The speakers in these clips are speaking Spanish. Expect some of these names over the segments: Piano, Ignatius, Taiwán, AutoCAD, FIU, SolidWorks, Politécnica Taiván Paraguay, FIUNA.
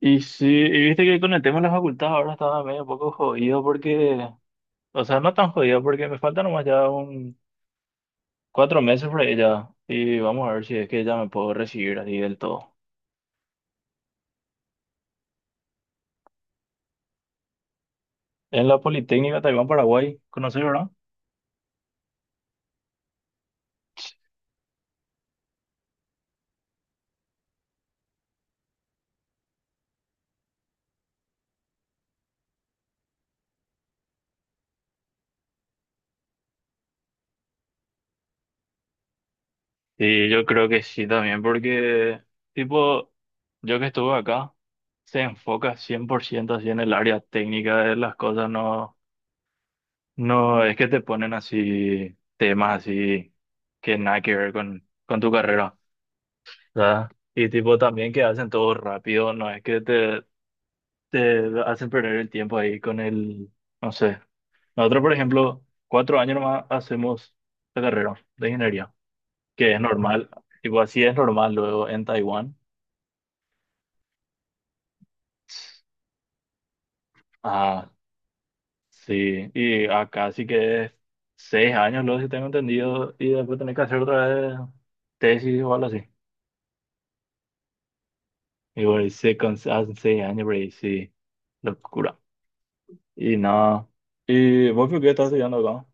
Y sí, y viste que con el tema de la facultad ahora estaba medio poco jodido porque, o sea, no tan jodido porque me faltan nomás ya un 4 meses por ahí ya. Y vamos a ver si es que ya me puedo recibir así del todo. En la Politécnica Taiván Paraguay, ¿conoces, verdad? Sí, yo creo que sí también porque, tipo, yo que estuve acá, se enfoca 100% así en el área técnica de las cosas, no, no es que te ponen así temas así que nada que ver con tu carrera. ¿Verdad? Y tipo también que hacen todo rápido, no es que te hacen perder el tiempo ahí con el, no sé. Nosotros, por ejemplo, 4 años nomás hacemos la carrera de ingeniería, que es normal, tipo así es normal luego en Taiwán. Ah, sí, y acá sí que es 6 años luego, si tengo entendido, y después tenés que hacer otra vez tesis o algo así. Y bueno, y hacen 6 años, pero ahí sí, locura. Y nada. ¿Y vos por qué estás estudiando acá?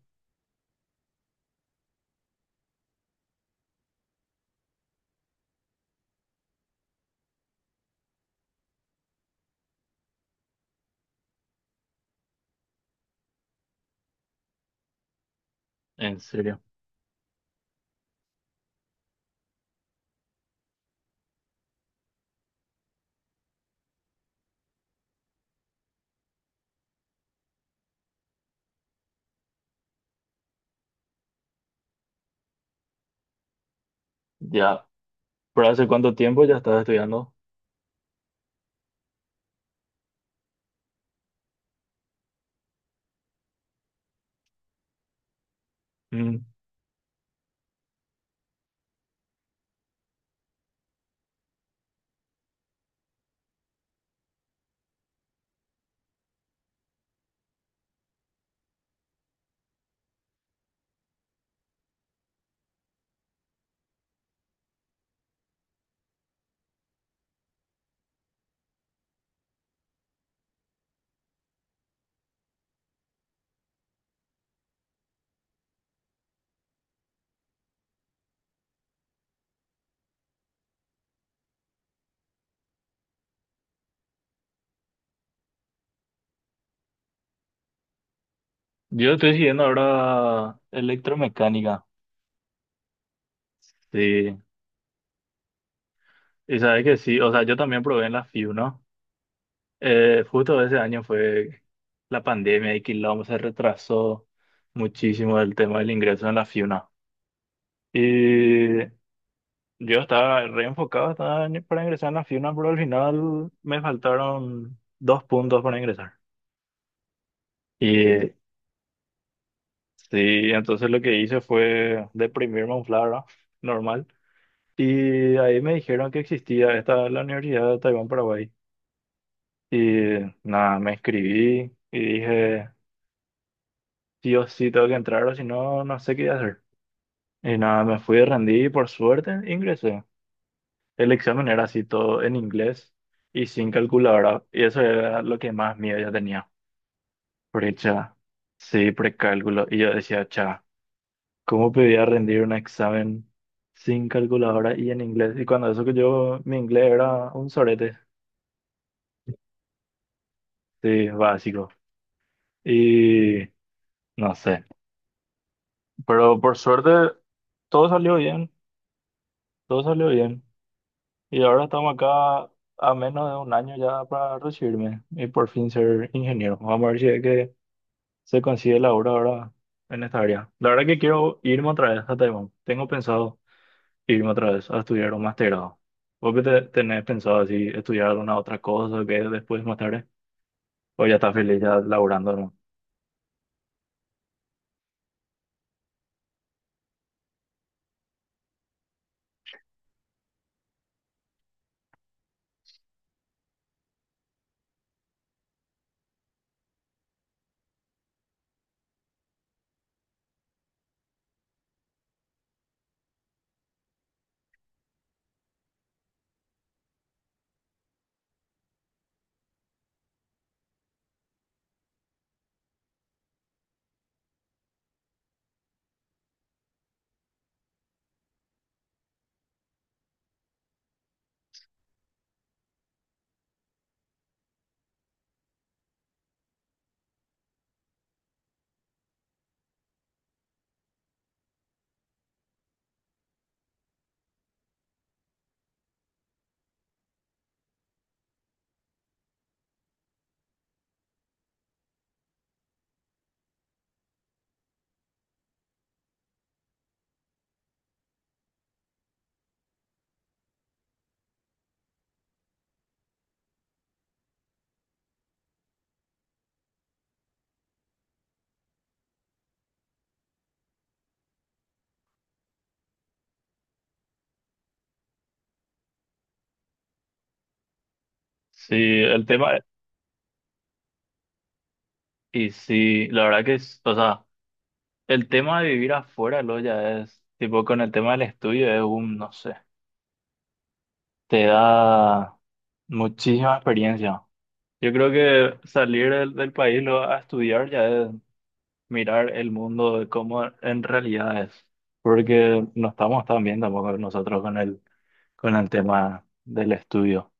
En serio. Ya. ¿Por hace cuánto tiempo ya estás estudiando? Mm. Yo estoy siguiendo ahora electromecánica. Sí. Y sabes que sí. O sea, yo también probé en la FIU, ¿no? Justo ese año fue la pandemia y quilombo se retrasó muchísimo el tema del ingreso en la FIUNA. Y yo estaba re enfocado para ingresar en la FIUNA, pero al final me faltaron 2 puntos para ingresar. Y sí, entonces lo que hice fue deprimirme un flara normal. Y ahí me dijeron que existía esta la Universidad de Taibán Paraguay. Y nada, me inscribí y dije, sí o sí tengo que entrar o si no, no sé qué hacer. Y nada, me fui, rendí y por suerte ingresé. El examen era así todo en inglés y sin calculadora. Y eso era lo que más miedo yo tenía. Precha, sí, precálculo. Y yo decía, cha. ¿Cómo podía rendir un examen sin calculadora y en inglés? Y cuando eso que yo, mi inglés era un sorete, sí, básico. Y no sé, pero por suerte todo salió bien, todo salió bien. Y ahora estamos acá a menos de un año ya para recibirme y por fin ser ingeniero. Vamos a ver si es que se consigue la obra ahora en esta área. La verdad que quiero irme otra vez a Taiwán, tengo pensado, irme otra vez a estudiar un masterado. ¿Vos qué tenés pensado así estudiar alguna otra cosa que después más tarde? ¿O ya estás feliz ya laburando, no? Sí, el tema, y sí, la verdad que es, o sea, el tema de vivir afuera, lo ya es, tipo, con el tema del estudio es un, no sé, te da muchísima experiencia. Yo creo que salir del país lo, a estudiar ya es mirar el mundo de cómo en realidad es, porque no estamos tan bien tampoco nosotros con el tema del estudio.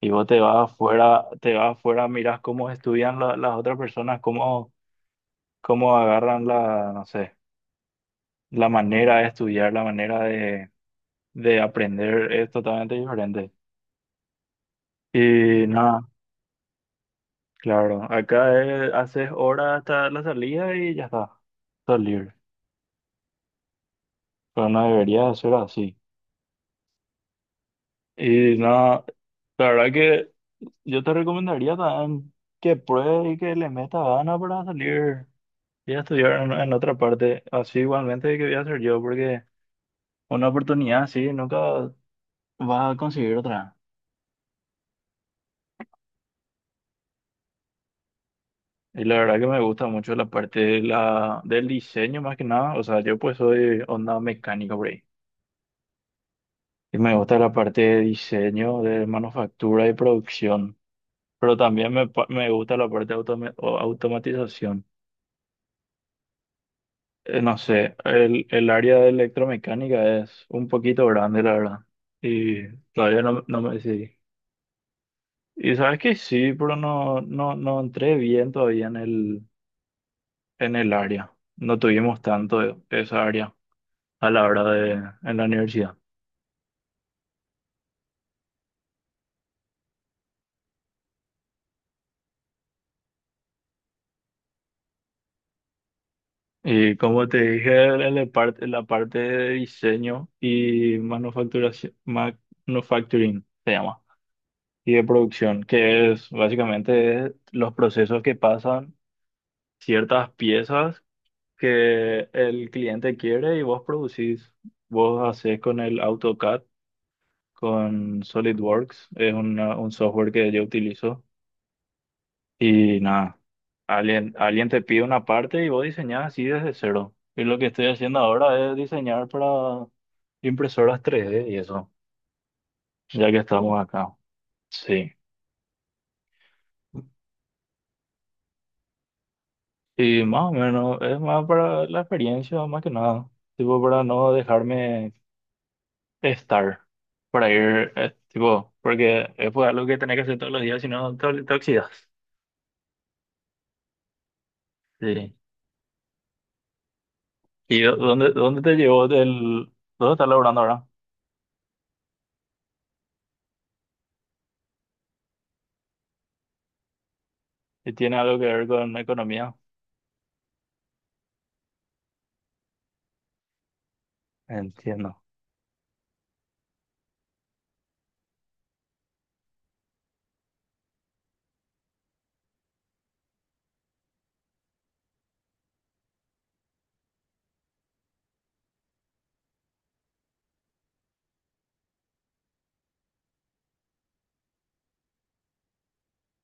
Y vos te vas afuera, miras cómo estudian las otras personas, cómo agarran la, no sé, la manera de estudiar, la manera de aprender es totalmente diferente. Y nada, claro, acá haces horas hasta la salida y ya está, estás libre. Pero no debería de ser así. Y nada, la verdad que yo te recomendaría también que pruebes y que le metas ganas para salir. Voy a estudiar en otra parte, así igualmente que voy a hacer yo, porque una oportunidad así nunca vas a conseguir otra. Y la verdad que me gusta mucho la parte de del diseño más que nada, o sea, yo pues soy onda mecánica por ahí. Y me gusta la parte de diseño, de manufactura y producción, pero también me gusta la parte de automa- o automatización. No sé, el área de electromecánica es un poquito grande, la verdad, y todavía no, no me decidí. Y sabes que sí, pero no, no, no entré bien todavía en el área. No tuvimos tanto esa área a la hora en la universidad. Y como te dije, en la parte de diseño y manufacturación, manufacturing se llama, y de producción, que es básicamente los procesos que pasan ciertas piezas que el cliente quiere y vos producís, vos haces con el AutoCAD con SolidWorks. Es un software que yo utilizo. Y nada, alguien te pide una parte y vos diseñás así desde cero. Y lo que estoy haciendo ahora es diseñar para impresoras 3D y eso, ya que estamos acá. Sí. Y más o menos, es más para la experiencia, más que nada. Tipo, para no dejarme estar. Para ir, tipo, porque es pues, algo que tenés que hacer todos los días, si no te oxidas. Sí. ¿Y dónde te llevó el...? ¿Dónde estás laburando ahora? Si tiene algo que ver con la economía. Entiendo,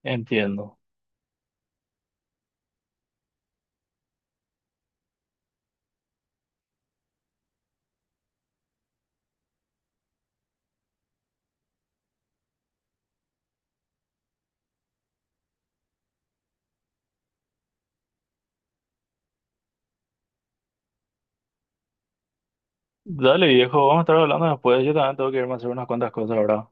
entiendo. Dale, viejo, vamos a estar hablando después. Yo también tengo que irme a hacer unas cuantas cosas ahora.